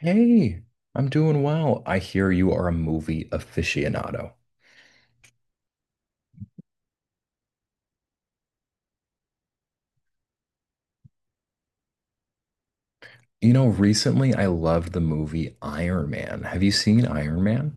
Hey, I'm doing well. I hear you are a movie aficionado. You know, recently I loved the movie Iron Man. Have you seen Iron Man?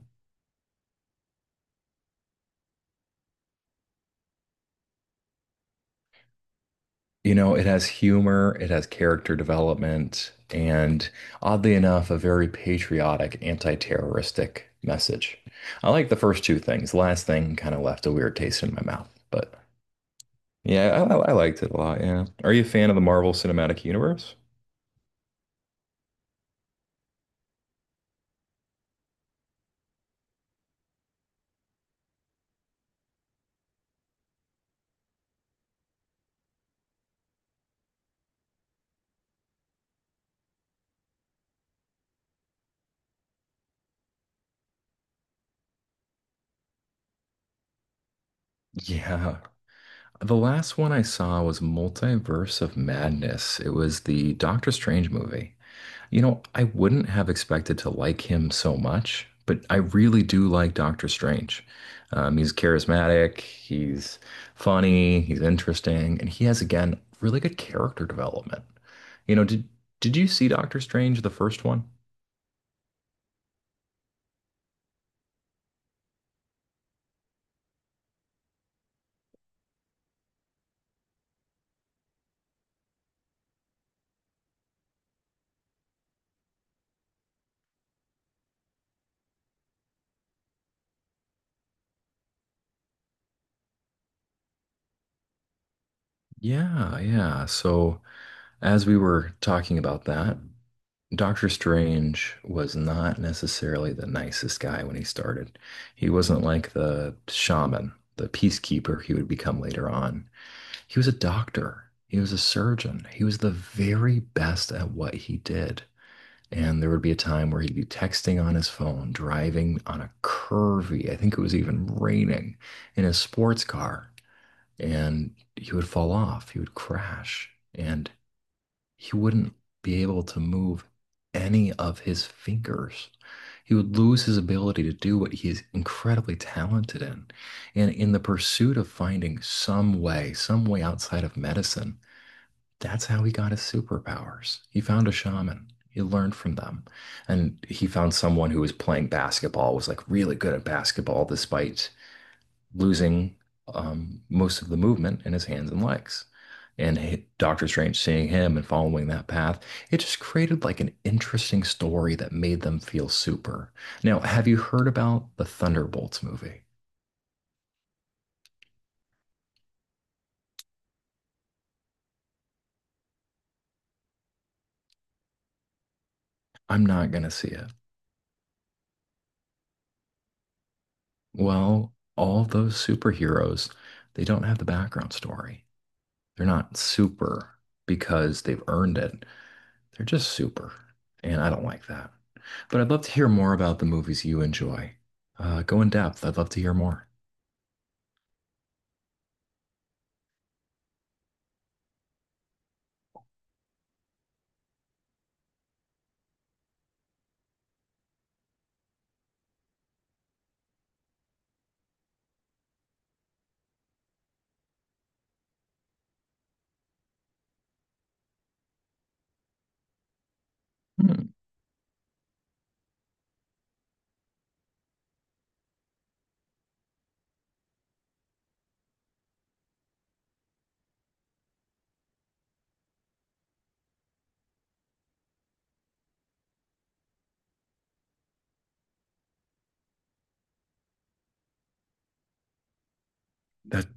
You know, it has humor, it has character development, and oddly enough, a very patriotic, anti-terroristic message. I like the first two things. The last thing kind of left a weird taste in my mouth, but yeah, I liked it a lot. Yeah. Are you a fan of the Marvel Cinematic Universe? Yeah. The last one I saw was Multiverse of Madness. It was the Doctor Strange movie. You know, I wouldn't have expected to like him so much, but I really do like Doctor Strange. He's charismatic, he's funny, he's interesting, and he has, again, really good character development. You know, did you see Doctor Strange, the first one? Yeah, yeah. So as we were talking about that. Doctor Strange was not necessarily the nicest guy when he started. He wasn't like the shaman, the peacekeeper he would become later on. He was a doctor, he was a surgeon, he was the very best at what he did. And there would be a time where he'd be texting on his phone, driving on a curvy, I think it was even raining, in a sports car, and he would fall off, he would crash. And he wouldn't be able to move any of his fingers. He would lose his ability to do what he is incredibly talented in. And in the pursuit of finding some way outside of medicine, that's how he got his superpowers. He found a shaman. He learned from them. And he found someone who was playing basketball, was like really good at basketball despite losing most of the movement in his hands and legs. And Doctor Strange seeing him and following that path, it just created like an interesting story that made them feel super. Now, have you heard about the Thunderbolts movie? I'm not going to see it. Well, all those superheroes, they don't have the background story. They're not super because they've earned it. They're just super, and I don't like that. But I'd love to hear more about the movies you enjoy. Go in depth. I'd love to hear more. Hmm. That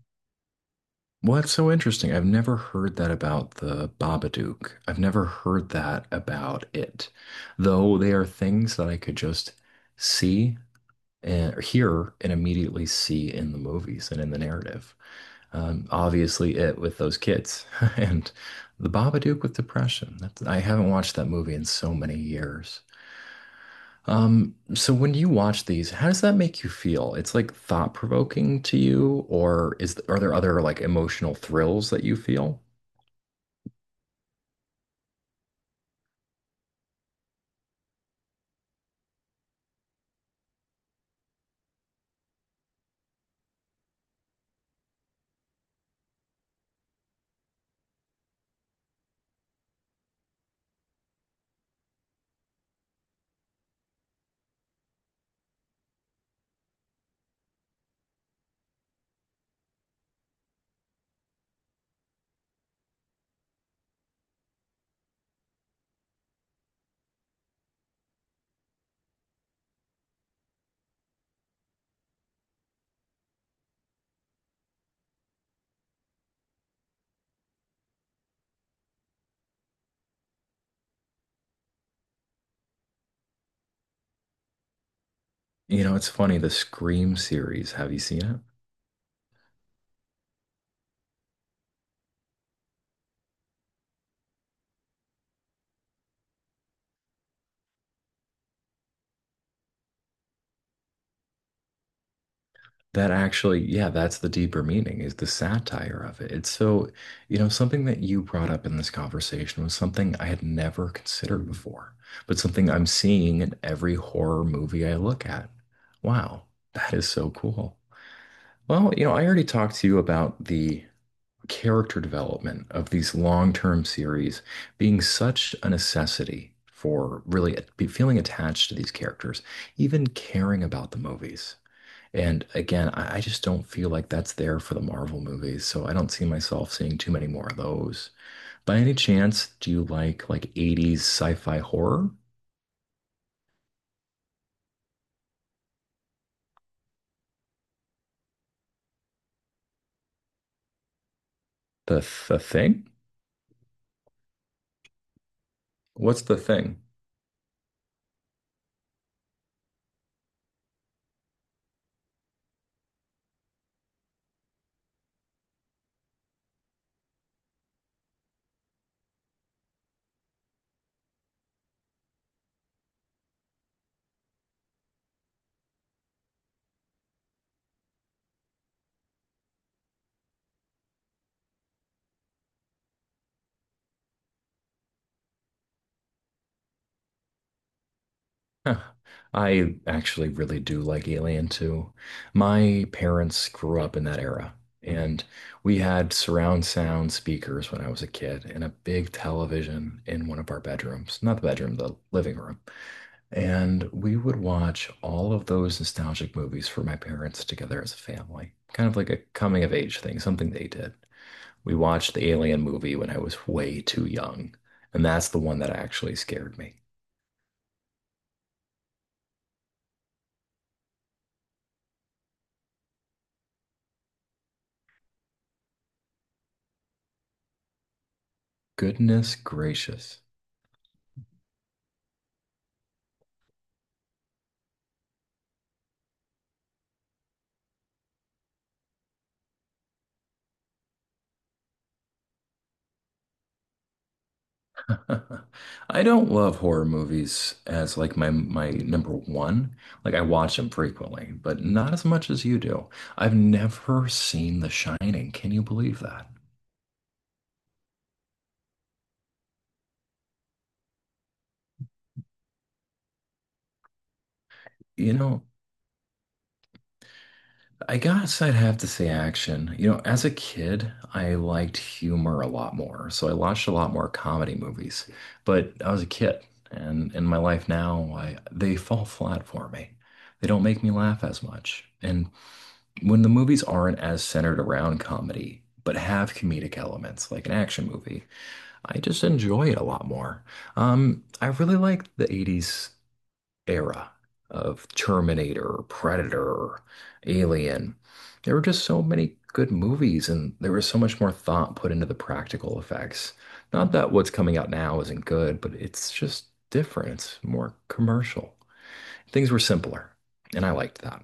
well, that's so interesting. I've never heard that about the Babadook. I've never heard that about it, though they are things that I could just see and or hear and immediately see in the movies and in the narrative. Obviously, it with those kids and the Babadook with depression. That's, I haven't watched that movie in so many years. So when you watch these, how does that make you feel? It's like thought provoking to you, or is are there other like emotional thrills that you feel? You know, it's funny, the Scream series, have you seen it? That actually, yeah, that's the deeper meaning is the satire of it. It's so, you know, something that you brought up in this conversation was something I had never considered before, but something I'm seeing in every horror movie I look at. Wow, that is so cool. Well, you know, I already talked to you about the character development of these long-term series being such a necessity for really be feeling attached to these characters, even caring about the movies. And again, I just don't feel like that's there for the Marvel movies, so I don't see myself seeing too many more of those. By any chance, do you like 80s sci-fi horror? The thing? What's the thing? Huh. I actually really do like Alien too. My parents grew up in that era, and we had surround sound speakers when I was a kid and a big television in one of our bedrooms, not the bedroom, the living room. And we would watch all of those nostalgic movies for my parents together as a family, kind of like a coming of age thing, something they did. We watched the Alien movie when I was way too young, and that's the one that actually scared me. Goodness gracious. I don't love horror movies as like my number one. Like I watch them frequently, but not as much as you do. I've never seen The Shining. Can you believe that? You know, I guess I'd have to say action. You know, as a kid, I liked humor a lot more. So I watched a lot more comedy movies, but I was a kid. And in my life now, they fall flat for me. They don't make me laugh as much. And when the movies aren't as centered around comedy, but have comedic elements like an action movie, I just enjoy it a lot more. I really like the 80s era of Terminator, Predator, Alien. There were just so many good movies, and there was so much more thought put into the practical effects. Not that what's coming out now isn't good, but it's just different. It's more commercial. Things were simpler, and I liked that.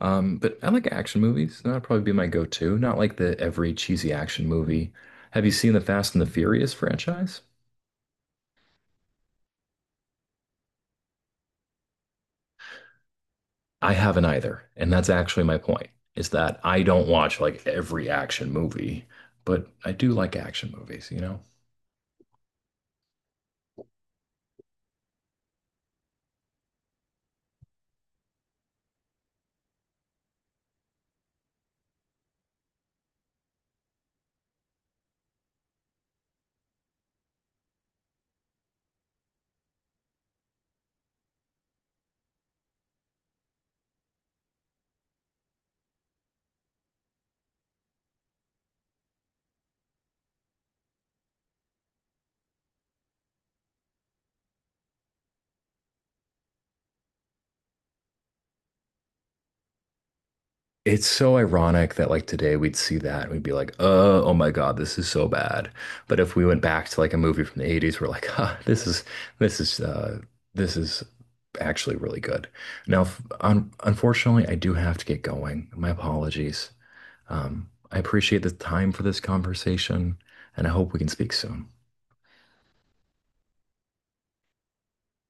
But I like action movies. That'd probably be my go-to. Not like the every cheesy action movie. Have you seen the Fast and the Furious franchise? I haven't either. And that's actually my point, is that I don't watch like every action movie, but I do like action movies, you know? It's so ironic that like today we'd see that and we'd be like, oh my God, this is so bad. But if we went back to like a movie from the 80s, we're like, huh, this is uh this is actually really good. Now, f- un unfortunately, I do have to get going. My apologies. I appreciate the time for this conversation, and I hope we can speak soon.